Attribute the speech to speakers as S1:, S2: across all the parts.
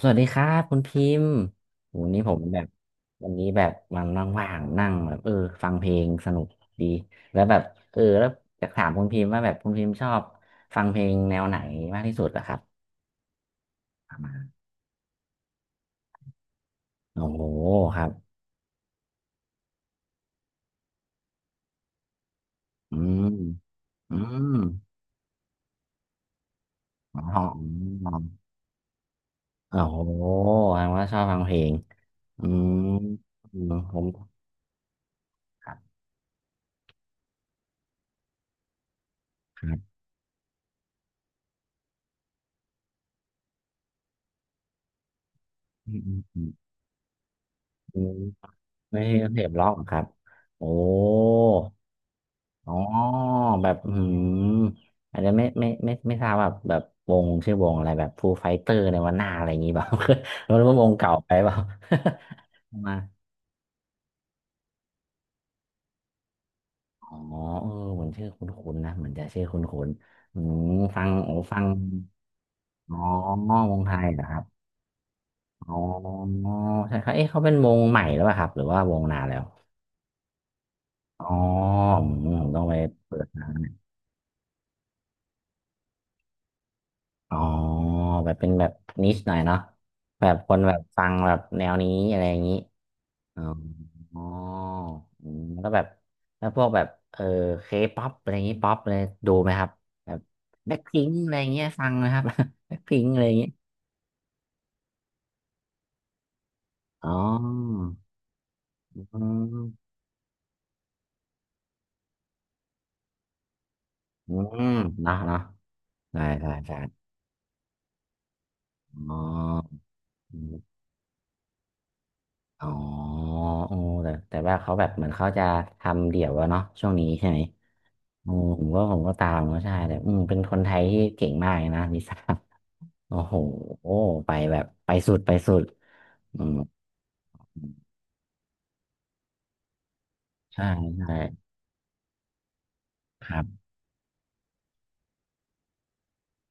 S1: สวัสดีครับคุณพิมพ์โหนี่ผมแบบวันนี้แบบวันว่างๆนั่งแบบเออฟังเพลงสนุกดีแล้วแบบเออแล้วอยากถามคุณพิมพ์ว่าแบบคุณพิมพ์ชอบฟังเพลงแนวไหนมากที่สุดอะครับโอ้โหครับอืมอืมอ๋ออ๋อโอ้โหแสดงว่าชอบฟังเพลงอืมอืมผมครับครับอืมอืมอืมอืมไม่ใช่เพลงร็อกเหรอครับโอ้ อ๋อแบบอืมอาจจะไม่ทราบแบบวงชื่อวงอะไรแบบฟูไฟเตอร์ในวันหน้าอะไรอย่างงี้เปล่า ไม่รู้ว่าวงเก่าไปเปล่า มาอ๋อเออเหมือนชื่อคุ้นๆนะเหมือนจะชื่อคุ้นๆอืมฟังโอ้ฟังอ๋อวงไทยเหรอครับอ๋อใช่ครับเอ๊ะเขาเป็นวงใหม่หรือเปล่าครับหรือว่าวงนานแล้วอ๋ออืมผมต้องไปเปิดนะอ๋อแบบเป็นแบบนิชหน่อยเนาะแบบคนแบบฟังแบบแนวนี้อะไรอย่างนี้ อ๋ออออืมแล้วก็แบบแล้วพวกแบบเออเคป๊อปอะไรอย่างงี้ป๊อปเลยดูไหมครับแบบแบ็คพิงอะไรอย่างเงี้ยฟังนะครับ แบ็คพิง อะไรอย่างเงี้ยอ๋ออืมอืมเนาะเนาะใช่ใช่ใช่อ๋ออืมอ๋อโอ้แต่แต่ว่าเขาแบบเหมือนเขาจะทำเดี่ยวอะเนาะช่วงนี้ใช่ไหมโอ้ผมก็ตามก็ใช่แต่อืมเป็นคนไทยที่เก่งมากเลยนะลิซ่า โอ้โหไปแบบไปสุดไปสุดอืม ใช่ใช่ครับ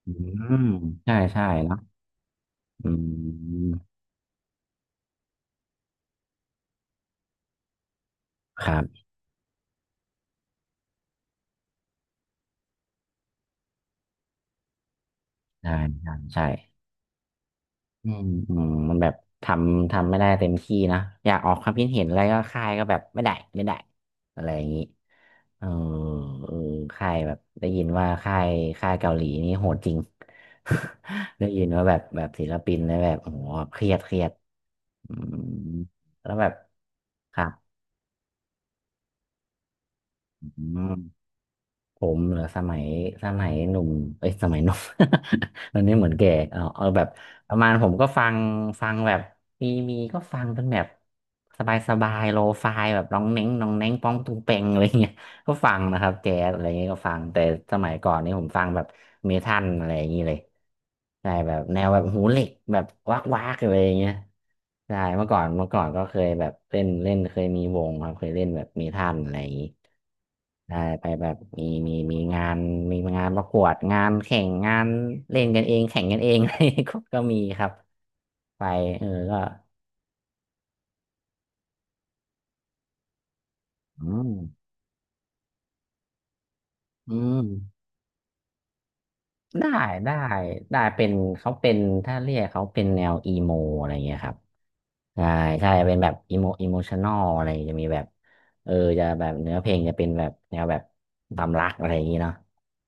S1: อืมใช่ใช่เนาะอืมครับใช่ใช่ใช่อืมอืมมันแบบทำทำไม่ได้เต็มที่นะอยากออกความคิดเห็นอะไรก็ค่ายก็แบบไม่ได้ไม่ได้อะไรอย่างนี้เออเออค่ายแบบได้ยินว่าค่ายเกาหลีนี่โหดจริง ได้ยินว่าแบบแบบศิลปินแล้วแบบโอ้โหเครียดเครียดอืมแล้วแบบครับอืม ผมเหรอสมัยสมัยหนุ่มเอ้ยสมัยหนุ่ม ตอนนี้เหมือนแก่เอาแบบประมาณผมก็ฟังแบบมีก็ฟังเป็นแบบสบายสบายโลฟายแบบน้องเน้งน้องเน้งป้องตุงเปงอะไรอย่างเงี้ย ก็ฟังนะครับแจ๊สอะไรเงี้ยก็ฟังแต่สมัยก่อนนี่ผมฟังแบบเมทัลอะไรอย่างงี้เลยใช่แบบแนวแบบหูเหล็กแบบวักวักอะไรอย่างเงี้ยใช่เมื่อก่อนก็เคยแบบเล่นเล่นเคยมีวงครับเคยเล่นแบบเมทัลอะไรอย่างงี้ใช่ไปแบบมีงานมีงานประกวดงานแข่งงานเล่นกันเองแข่งกันเองอะไรก็ก็มีครับไปเออก็อืมอืม ได้ได้ได้เป็นเขาเป็นถ้าเรียกเขาเป็นแนวอีโมอะไรเงี้ยครับใช่ใช่เป็นแบบอีโมอีโมชันอลอะไรจะมีแบบเออจะแบบเนื้อเพลงจะเป็นแบบแนวแบบความรักอะไรอย่างงี้เนาะ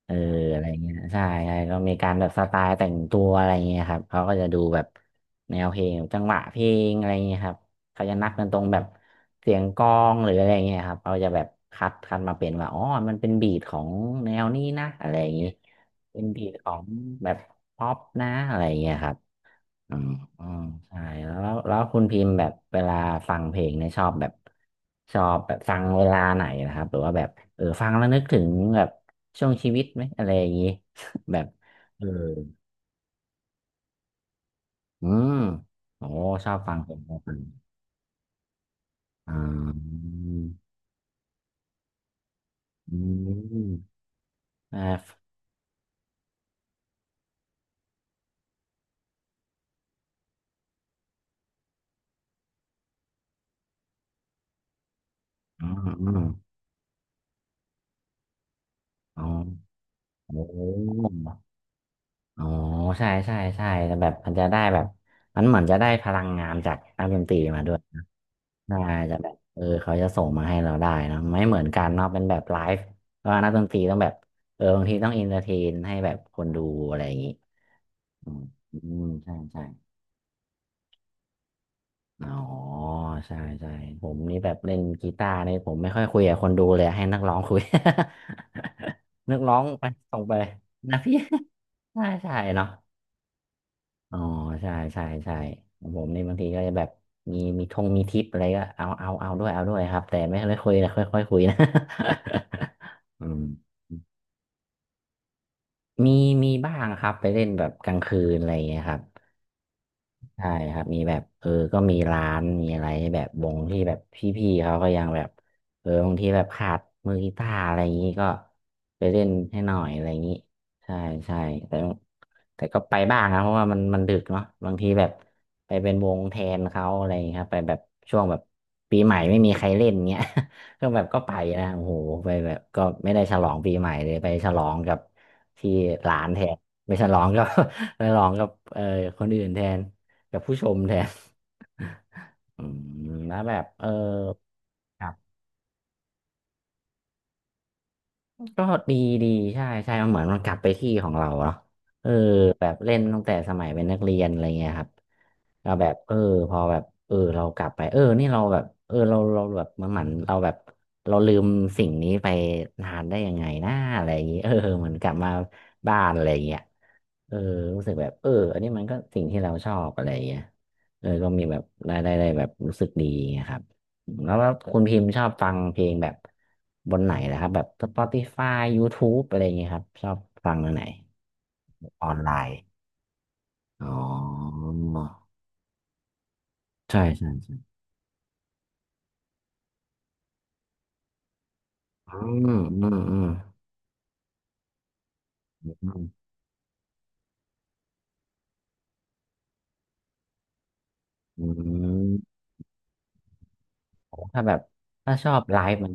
S1: เอออะไรเงี้ยใช่ใช่ก็มีการแบบสไตล์แต่งตัวอะไรเงี้ยครับเขาก็จะดูแบบแนวเพลงจังหวะเพลงอะไรเงี้ยครับเขาจะนับกันตรงแบบเสียงกลองหรืออะไรเงี้ยครับเขาจะแบบคัดมาเป็นว่าอ๋อมันเป็นบีทของแนวนี้นะอะไรอย่างงี้ เป็นบีทของแบบป๊อปนะอะไรอย่างเงี้ยครับอืมอืมใช่แล้วคุณพิมพ์แบบเวลาฟังเพลงเนี่ยชอบแบบฟังเวลาไหนนะครับหรือว่าแบบเออฟังแล้วนึกถึงแบบช่วงชีวิตไหมอะไรอย่างงี้ แบบเอออืมโอ้ชอบฟังเพลงฟังอ่าอืมอ่าอืมอืมอ๋อโอ้ อ๋อใช่ใช่ใช่แต่แบบมันจะได้แบบมันเหมือนจะได้พลังงานจากนักดนตรีมาด้วยน่าจะแบบเออเขาจะส่งมาให้เราได้เนอะไม่เหมือนกันเนาะเป็นแบบไลฟ์เพราะว่านักดนตรีต้องแบบเออบางทีต้องอินเตอร์เทนให้แบบคนดูอะไรอย่างงี้อืมอืมใช่ใช่อ๋อใช่ใช่ผมนี่แบบเล่นกีตาร์นี่ผมไม่ค่อยคุยกับคนดูเลยให้นักร้องคุย นักร้องไปส่งไป นะพี่ ใช่ใช่เนาะ อ๋อใช่ใช่ใช่ของผมนี่บางทีก็จะแบบมีมีทงมีทิปอะไรก็เอาด้วยเอาด้วยครับแต่ไม่คุยนะค่อยค่อยคุยนะ อืมมีมีบ้างครับไปเล่นแบบกลางคืนอะไรอย่างเงี้ยครับ ใช่ครับมีแบบก็มีร้านมีอะไรให้แบบวงที่แบบพี่ๆเขาก็ยังแบบบางทีแบบขาดมือกีตาร์อะไรอย่างนี้ก็ไปเล่นให้หน่อยอะไรอย่างนี้ใช่ใช่แต่แต่ก็ไปบ้างนะเพราะว่ามันดึกเนาะบางทีแบบไปเป็นวงแทนเขาอะไรอย่างนี้ครับไปแบบช่วงแบบปีใหม่ไม่มีใครเล่นเงี้ย ก็แบบก็ไปนะโอ้โหไปแบบก็ไม่ได้ฉลองปีใหม่เลยไปฉลองกับที่ร้านแทนไปฉลองกับ ไปฉลองกับคนอื่นแทน กับผู้ชมแทนอืมแล้วแบบครับก็ดีดีใช่ใช่มันเหมือนมันกลับไปที่ของเราเนาะเออแบบเล่นตั้งแต่สมัยเป็นนักเรียนอะไรเงี้ยครับเราแบบพอแบบเรากลับไปนี่เราแบบเราแบบเหมือนเราแบบเราลืมสิ่งนี้ไปนานได้ยังไงนะอะไรอย่างงี้เออเหมือนกลับมาบ้านอะไรอย่างเงี้ยเออรู้สึกแบบเอออันนี้มันก็สิ่งที่เราชอบอะไรอย่างเงี้ยเออก็มีแบบได้แบบรู้สึกดีอย่างเงี้ยครับ แล้วว่าคุณพิมพ์ชอบฟังเพลงแบบบนไหนนะครับแบบ Spotify YouTube อะไรอย่างเงี้ยครับชอบฟังอันไหนออนไลน์อ๋อใช่ใช่ใช่อืมอืมอืมอืมอืมโอ้ถ้าแบบถ้าชอบไลฟ์มัน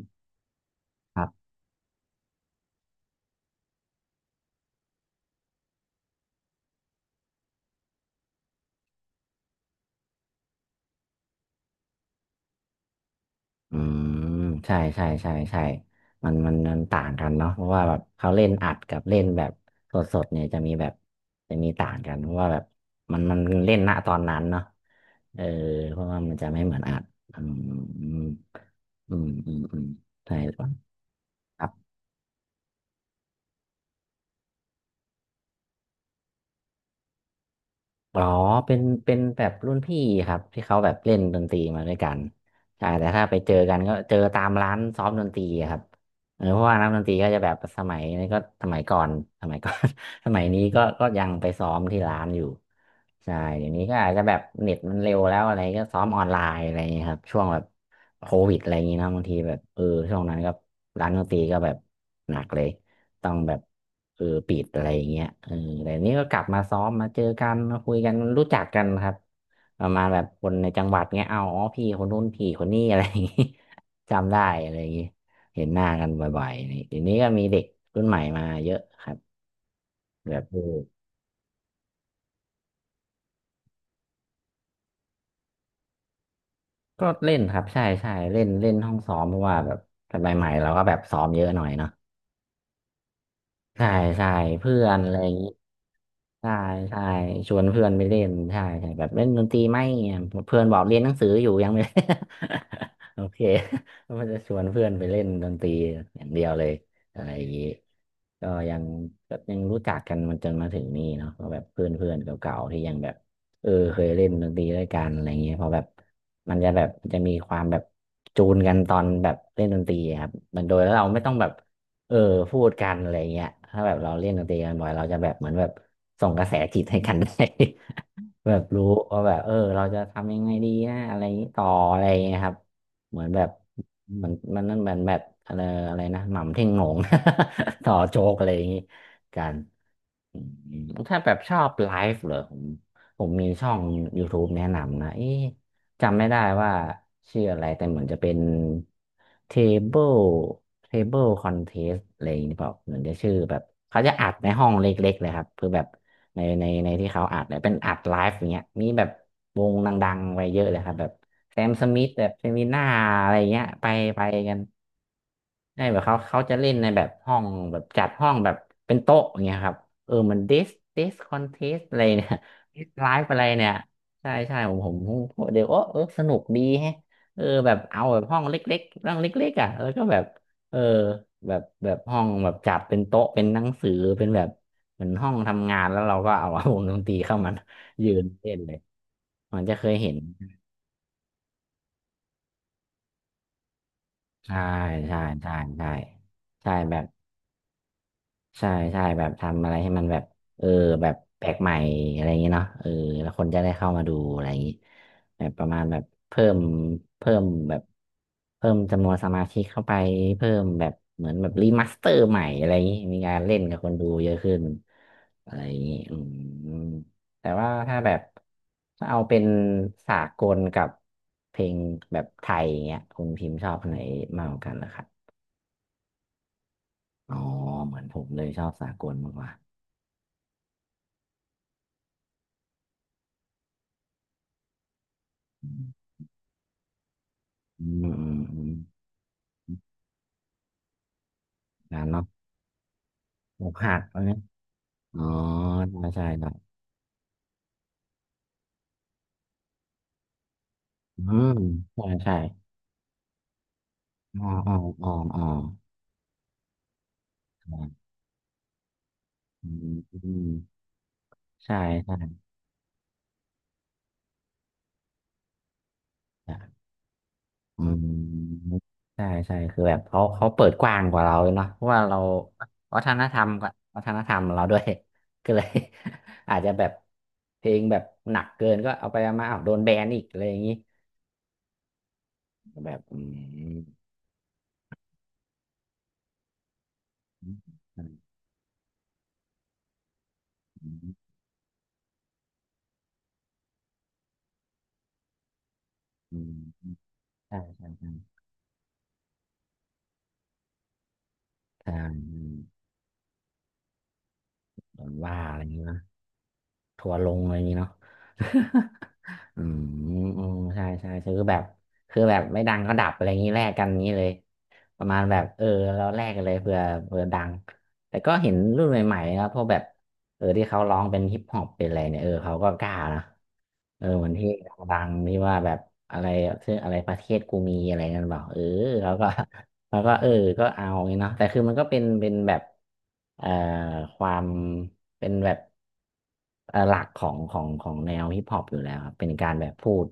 S1: อืมใช่มันต่างกันเนาะเพราะว่าแบบเขาเล่นอัดกับเล่นแบบสดเนี่ยจะมีแบบจะมีต่างกันเพราะว่าแบบมันเล่นณตอนนั้นเนาะเออเพราะว่ามันจะไม่เหมือนอัดอืมอืมอืมอืมอืมใช่ครับ อ๋อเป็นแบบรุ่นพี่ครับที่เขาแบบเล่นดนตรีมาด้วยกันใช่แต่ถ้าไปเจอกันก็เจอตามร้านซ้อมดนตรีอะครับเออเพราะว่านักดนตรีก็จะแบบสมัยนี้ก็สมัยก่อน สมัยนี้ก็ยังไปซ้อมที่ร้านอยู่ใช่เดี๋ยวนี้ก็อาจจะแบบเน็ตมันเร็วแล้วอะไรก็ซ้อมออนไลน์อะไรอย่างเงี้ยครับช่วงแบบโควิดอะไรอย่างงี้เนอะบางทีแบบช่วงนั้นก็ร้านดนตรีก็แบบหนักเลย ต้องแบบเออปิดอะไรอย่างเงี้ยเออแต่นี่ก็กลับมาซ้อมมาเจอกันมาคุยกันรู้จักกันครับประมาณแบบคนในจังหวัดเงี้ยเอาอ๋อพี่คนนู้นพี่คนนี้อะไรอย่างงี้ จำได้อะไรอย่างงี้เห็นหน้ากันบ่อยๆนี่เดี๋ยวนี้ก็มีเด็กรุ่นใหม่มาเยอะครับแบบเออก็เล่นครับใช่ใช่เล่นเล่นห้องซ้อมเพราะว่าแบบสมัยใหม่เราก็แบบซ้อมเยอะหน่อยเนาะใช่ใช่เพื่อนอะไรอย่างนี้ ใช่ใช่ชวนเพื่อนไปเล่นใช่ใช่แบบเล่นดนตรีไหมเนี่ยเพื่อนบอกเรียนหนังสืออยู่ยังไม่ โอเคก็มันจะชวนเพื่อนไปเล่นดนตรีอย่างเดียวเลยอะไรอย่างนี้ก็ยังก็ยังรู้จักกันมันจนมาถึงนี่เนาะก็แบบเพื่อนเพื่อนเก่าๆที่ยังแบบเออเคยเล่นดนตรีด้วยกันอะไรอย่างเงี้ยเพอแบบมันจะแบบจะมีความแบบจูนกันตอนแบบเล่นดนตรีอะครับมันโดยแล้วเราไม่ต้องแบบ เออพูดกันอะไรเงี้ยถ้าแบบเราเล่นดนตรีกันบ่อยเราจะแบบเหมือนแบบส่งกระแสจิตให้กันได้ แบบรู้ว่าแบบเออเราจะทำยังไงดีนะอะไรอย่างนี้ต่ออะไรเงี้ยครับเหมือนแบบเหมันนั่นเหมือนแบบอะไรอะไรนะหม่ำเท่งโหน่ง ต่อโจ๊กอะไรอย่างนี้กัน อืมถ้าแบบชอบไลฟ์เหรอผมมีช่อง YouTube แนะนำนะเอ๊ะจำไม่ได้ว่าชื่ออะไรแต่เหมือนจะเป็น Table Table Contest อะไรอย่างนี้เปล่าเหมือนจะชื่อแบบเขาจะอัดในห้องเล็กๆเลยครับคือแบบในที่เขาอัดเนี่ยเป็นอัดไลฟ์อย่างเงี้ยมีแบบวงดังๆไว้เยอะเลยครับแบบแซมสมิธแบบเซมิน่าอะไรอย่างเงี้ยไปกัน ใช่แบบเขาจะเล่นในแบบห้องแบบจัดห้องแบบเป็นโต๊ะอย่างเงี้ยครับเออมันดิสคอนเทสอะไรเนี่ย ดิสไลฟ์อะไรเนี่ยใช่ใช่ผมเดี๋ยวโอ้เออสนุกดีแฮะเออแบบเอาแบบห้องเล็กๆห้องเล็กๆอ่ะแล้วก็แบบเออแบบห้องแบบจัดเป็นโต๊ะเป็นหนังสือเป็นแบบเหมือนห้องทำงานแล้วเราก็เอา วงดนตรีเข้ามายืนเล่นเลยมันจะเคยเห็นใช่ใช่ใช่ใช่ใช่แบบ ใช่ใช่แบบทำอะไรให้มันแบบเออแบบแปลกใหม่อะไรอย่างเงี้ยเนาะเออแล้วคนจะได้เข้ามาดูอะไรอย่างงี้แบบประมาณแบบเพิ่มเพิ่มแบบเพิ่มจำนวนสมาชิกเข้าไปเพิ่มแบบเหมือนแบบรีมาสเตอร์ใหม่อะไรอย่างงี้มีการเล่นกับคนดูเยอะขึ้นอะไรอย่างงี้อืมแต่ว่าถ้าแบบถ้าเอาเป็นสากลกับเพลงแบบไทยอย่างเงี้ยคุณพิมพ์ชอบอันไหนมากกว่ากันนะครับอ๋อเหมือนผมเลยชอบสากลมากกว่า อืมอืมอืมนานเนาะอกหักอะไรอ๋อใช่ใช่ครับอืมใช่ใช่อ๋ออ๋ออ๋ออ๋อครับอืมอืมใช่ใช่ใช่อืมใช่ใช่คือแบบเขาเปิดกว้างกว่าเราเนาะเพราะว่าเราวัฒนธรรมกับวัฒนธรรมเราด้วย ก็เลยอาจจะแบบเพลงแบบหนักเกินก็เอาไปเอามาอ้าวโดนแบนอีกอะไรอย่างนี้แบบอืมอืมอืมอืมใช่ใช่ใช่ ใช่โดนว่าอะไรอย่างงี้นะทัวร์ลงอะไรอย่างงี้เนาะ อืมอืมใช่ใช่คือแบบคือแบบไม่ดังก็ดับอะไรอย่างงี้แลกกันอย่างงี้เลยประมาณแบบเออเราแลกกันเลยเผื่อเผื่อดังแต่ก็เห็นรุ่นใหม่ๆนะพวกแบบเออที่เขาร้องเป็นฮิปฮอปเป็นอะไรเนี่ยเออเขาก็กล้านะเออเหมือนที่ดังที่ว่าแบบอะไรชื่ออะไรประเทศกูมีอะไรนั่นเปล่าเออเขาก็ แล้วก็เออก็เอาอย่างงี้เนาะแต่คือมันก็เป็นแบบเอ่อความเป็นแบบหลักของแนวฮิปฮอปอยู่แล้วครับเป็นการแบบพูด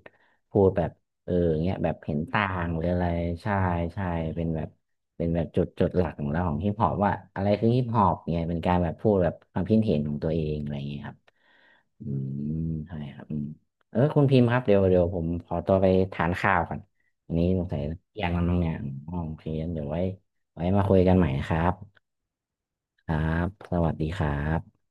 S1: พูดแบบเออเงี้ยแบบเห็นต่างหรืออะไรใช่ใช่เป็นแบบเป็นแบบจุดหลักของเราของฮิปฮอปว่าอะไรคือฮิปฮอปเนี่ยเป็นการแบบพูดแบบความคิดเห็นของตัวเองอะไรอย่างเงี้ยครับอืมใช่ครับอืมเออคุณพิมพ์ครับเดี๋ยวผมขอตัวไปทานข้าวก่อน อันนี้สงสัยแยกกันบ้างเนี่ยอ๋อโอเคงั้นเดี๋ยวไว้ไว้มาคุยกันใหม่ครับครับสวัสดีครับ